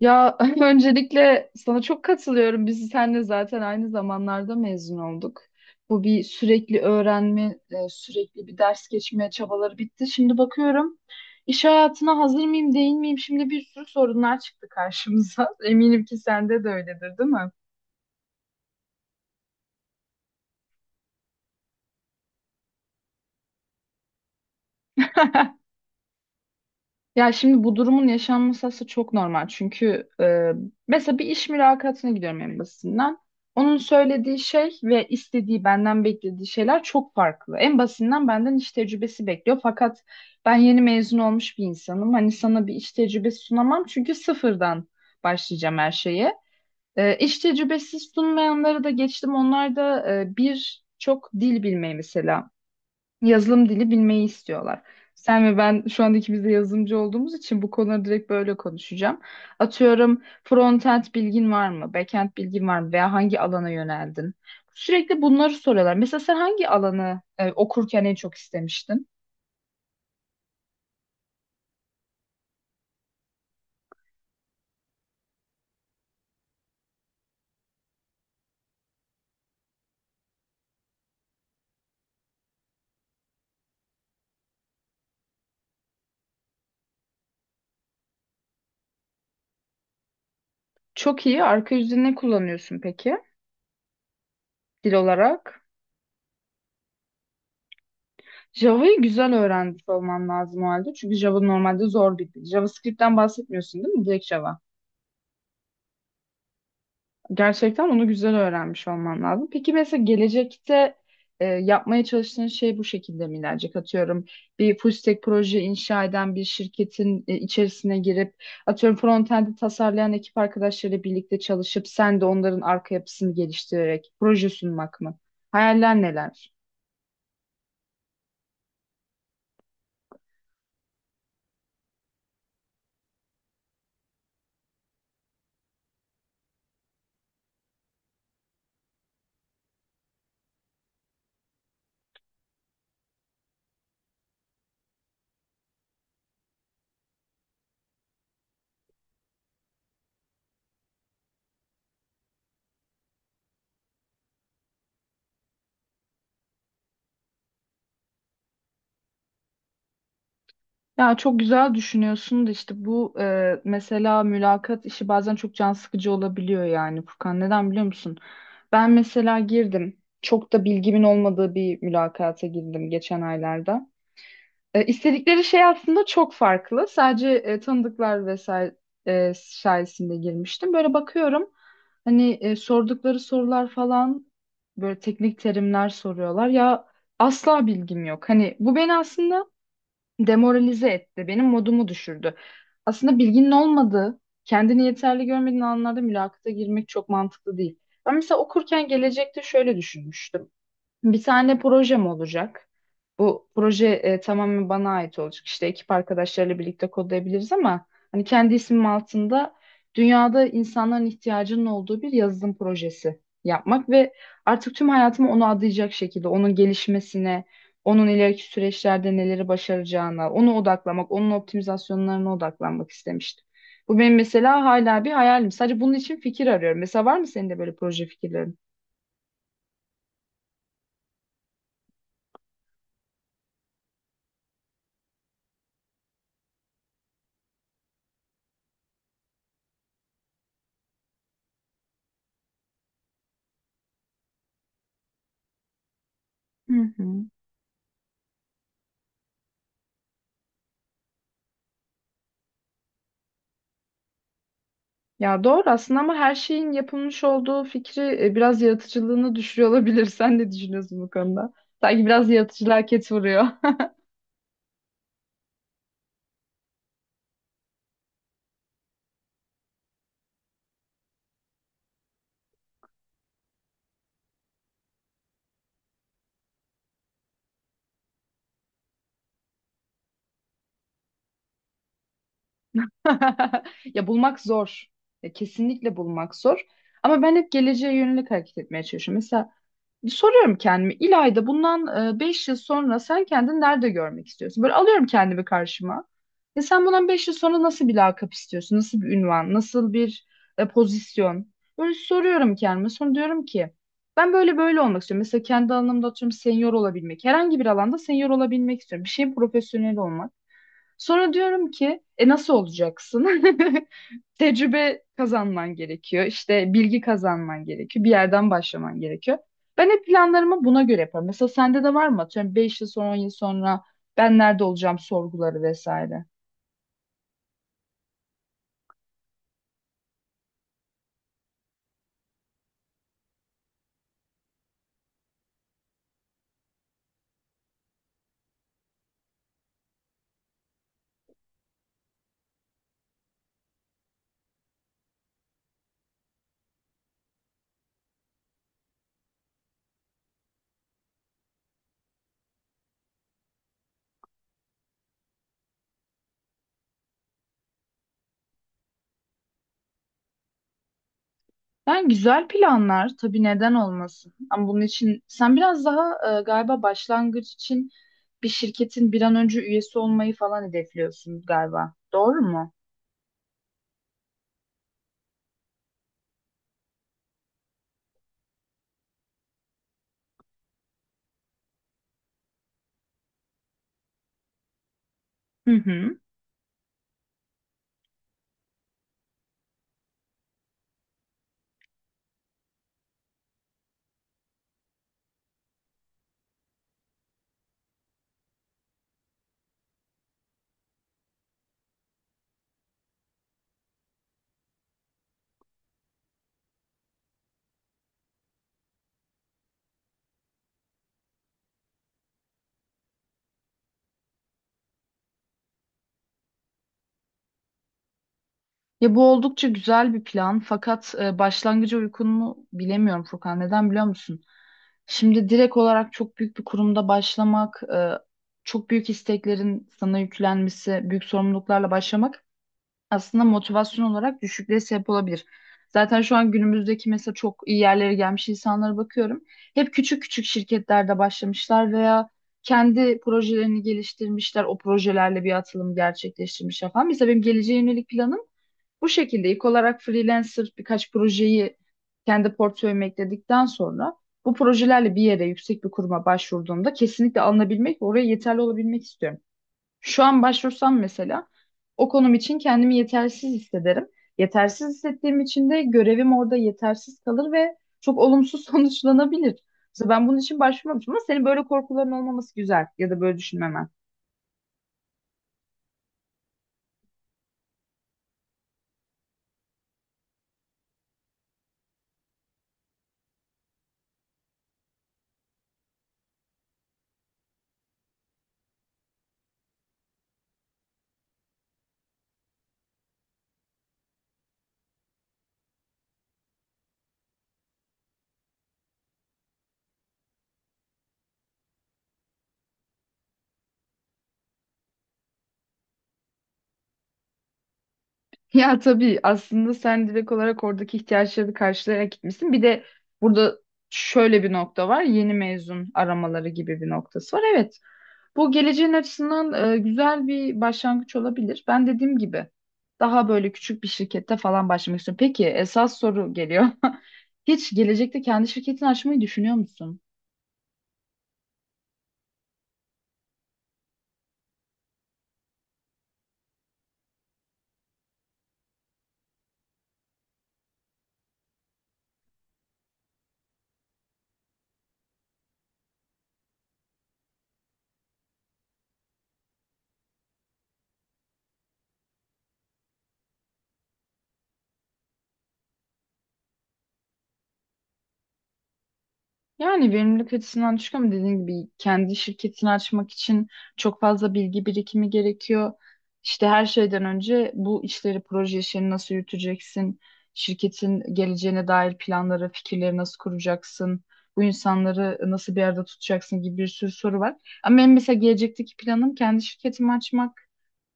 Ya öncelikle sana çok katılıyorum. Biz seninle zaten aynı zamanlarda mezun olduk. Bu bir sürekli öğrenme, sürekli bir ders geçme çabaları bitti. Şimdi bakıyorum iş hayatına hazır mıyım, değil miyim? Şimdi bir sürü sorunlar çıktı karşımıza. Eminim ki sende de öyledir, değil mi? Ya şimdi bu durumun yaşanması aslında çok normal. Çünkü mesela bir iş mülakatına gidiyorum en basitinden. Onun söylediği şey ve istediği benden beklediği şeyler çok farklı. En basitinden benden iş tecrübesi bekliyor. Fakat ben yeni mezun olmuş bir insanım. Hani sana bir iş tecrübesi sunamam çünkü sıfırdan başlayacağım her şeye. İş tecrübesi sunmayanları da geçtim. Onlar da bir çok dil bilmeyi mesela yazılım dili bilmeyi istiyorlar. Sen ve ben şu an ikimiz de yazılımcı olduğumuz için bu konuları direkt böyle konuşacağım. Atıyorum frontend bilgin var mı? Backend bilgin var mı? Veya hangi alana yöneldin? Sürekli bunları soruyorlar. Mesela sen hangi alanı okurken en çok istemiştin? Çok iyi. Arka yüzde ne kullanıyorsun peki dil olarak? Java'yı güzel öğrenmiş olman lazım o halde. Çünkü Java normalde zor bir dil. JavaScript'ten bahsetmiyorsun değil mi? Direkt Java. Gerçekten onu güzel öğrenmiş olman lazım. Peki mesela gelecekte yapmaya çalıştığın şey bu şekilde mi ilerleyecek? Atıyorum bir full stack proje inşa eden bir şirketin içerisine girip atıyorum frontend'i tasarlayan ekip arkadaşlarıyla birlikte çalışıp sen de onların arka yapısını geliştirerek proje sunmak mı? Hayaller neler? Ya çok güzel düşünüyorsun da işte bu mesela mülakat işi bazen çok can sıkıcı olabiliyor yani Furkan. Neden biliyor musun? Ben mesela girdim. Çok da bilgimin olmadığı bir mülakata girdim geçen aylarda. İstedikleri şey aslında çok farklı. Sadece tanıdıklar vesaire sayesinde girmiştim. Böyle bakıyorum. Hani sordukları sorular falan böyle teknik terimler soruyorlar. Ya asla bilgim yok. Hani bu beni aslında demoralize etti. Benim modumu düşürdü. Aslında bilginin olmadığı, kendini yeterli görmediğin anlarda mülakata girmek çok mantıklı değil. Ben mesela okurken gelecekte şöyle düşünmüştüm. Bir tane projem olacak. Bu proje tamamen bana ait olacak. İşte ekip arkadaşlarıyla birlikte kodlayabiliriz ama hani kendi ismim altında dünyada insanların ihtiyacının olduğu bir yazılım projesi yapmak ve artık tüm hayatımı ona adayacak şekilde onun gelişmesine, onun ileriki süreçlerde neleri başaracağına, onu odaklamak, onun optimizasyonlarına odaklanmak istemiştim. Bu benim mesela hala bir hayalim. Sadece bunun için fikir arıyorum. Mesela var mı senin de böyle proje fikirlerin? Hı hı. Ya doğru aslında ama her şeyin yapılmış olduğu fikri biraz yaratıcılığını düşürüyor olabilir. Sen ne düşünüyorsun bu konuda? Sanki biraz yaratıcılığa ket vuruyor. Ya bulmak zor. Ya kesinlikle bulmak zor. Ama ben hep geleceğe yönelik hareket etmeye çalışıyorum. Mesela soruyorum kendime İlayda bundan 5 yıl sonra sen kendini nerede görmek istiyorsun? Böyle alıyorum kendimi karşıma. E sen bundan 5 yıl sonra nasıl bir lakap istiyorsun? Nasıl bir ünvan? Nasıl bir pozisyon? Böyle soruyorum kendime. Sonra diyorum ki ben böyle böyle olmak istiyorum. Mesela kendi alanımda atıyorum senior olabilmek. Herhangi bir alanda senior olabilmek istiyorum. Bir şey profesyonel olmak. Sonra diyorum ki nasıl olacaksın? Tecrübe kazanman gerekiyor. İşte bilgi kazanman gerekiyor. Bir yerden başlaman gerekiyor. Ben hep planlarımı buna göre yaparım. Mesela sende de var mı? Atıyorum 5 yıl sonra, 10 yıl sonra ben nerede olacağım sorguları vesaire. Yani güzel planlar tabii neden olmasın. Ama bunun için sen biraz daha galiba başlangıç için bir şirketin bir an önce üyesi olmayı falan hedefliyorsun galiba. Doğru mu? Hı hı. Ya bu oldukça güzel bir plan fakat başlangıcı uygun mu bilemiyorum Furkan. Neden biliyor musun? Şimdi direkt olarak çok büyük bir kurumda başlamak, çok büyük isteklerin sana yüklenmesi, büyük sorumluluklarla başlamak aslında motivasyon olarak düşüklüğe sebep olabilir. Zaten şu an günümüzdeki mesela çok iyi yerlere gelmiş insanlara bakıyorum. Hep küçük küçük şirketlerde başlamışlar veya kendi projelerini geliştirmişler, o projelerle bir atılım gerçekleştirmişler falan. Mesela benim geleceğe yönelik planım bu şekilde ilk olarak freelancer birkaç projeyi kendi portföyüme ekledikten sonra bu projelerle bir yere yüksek bir kuruma başvurduğumda kesinlikle alınabilmek ve oraya yeterli olabilmek istiyorum. Şu an başvursam mesela o konum için kendimi yetersiz hissederim. Yetersiz hissettiğim için de görevim orada yetersiz kalır ve çok olumsuz sonuçlanabilir. Mesela ben bunun için başvurmamışım ama senin böyle korkuların olmaması güzel ya da böyle düşünmemen. Ya tabii aslında sen direkt olarak oradaki ihtiyaçları karşılayarak gitmişsin. Bir de burada şöyle bir nokta var. Yeni mezun aramaları gibi bir noktası var. Evet, bu geleceğin açısından güzel bir başlangıç olabilir. Ben dediğim gibi daha böyle küçük bir şirkette falan başlamak istiyorum. Peki esas soru geliyor. Hiç gelecekte kendi şirketini açmayı düşünüyor musun? Yani verimlilik açısından düşük ama dediğim gibi kendi şirketini açmak için çok fazla bilgi birikimi gerekiyor. İşte her şeyden önce bu işleri, proje işlerini nasıl yürüteceksin? Şirketin geleceğine dair planları, fikirleri nasıl kuracaksın? Bu insanları nasıl bir arada tutacaksın gibi bir sürü soru var. Ama benim mesela gelecekteki planım kendi şirketimi açmak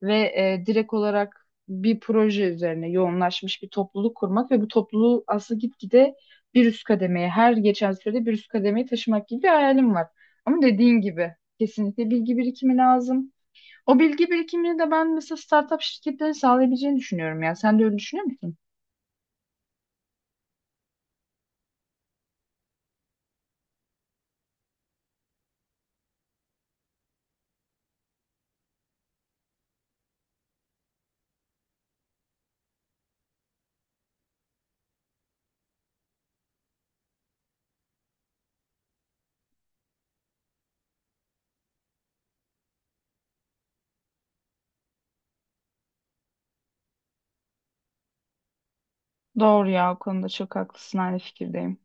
ve direkt olarak bir proje üzerine yoğunlaşmış bir topluluk kurmak ve bu topluluğu aslında gitgide bir üst kademeye her geçen sürede bir üst kademeyi taşımak gibi bir hayalim var. Ama dediğin gibi kesinlikle bilgi birikimi lazım. O bilgi birikimini de ben mesela startup şirketlerin sağlayabileceğini düşünüyorum ya. Sen de öyle düşünüyor musun? Doğru ya o konuda çok haklısın aynı fikirdeyim.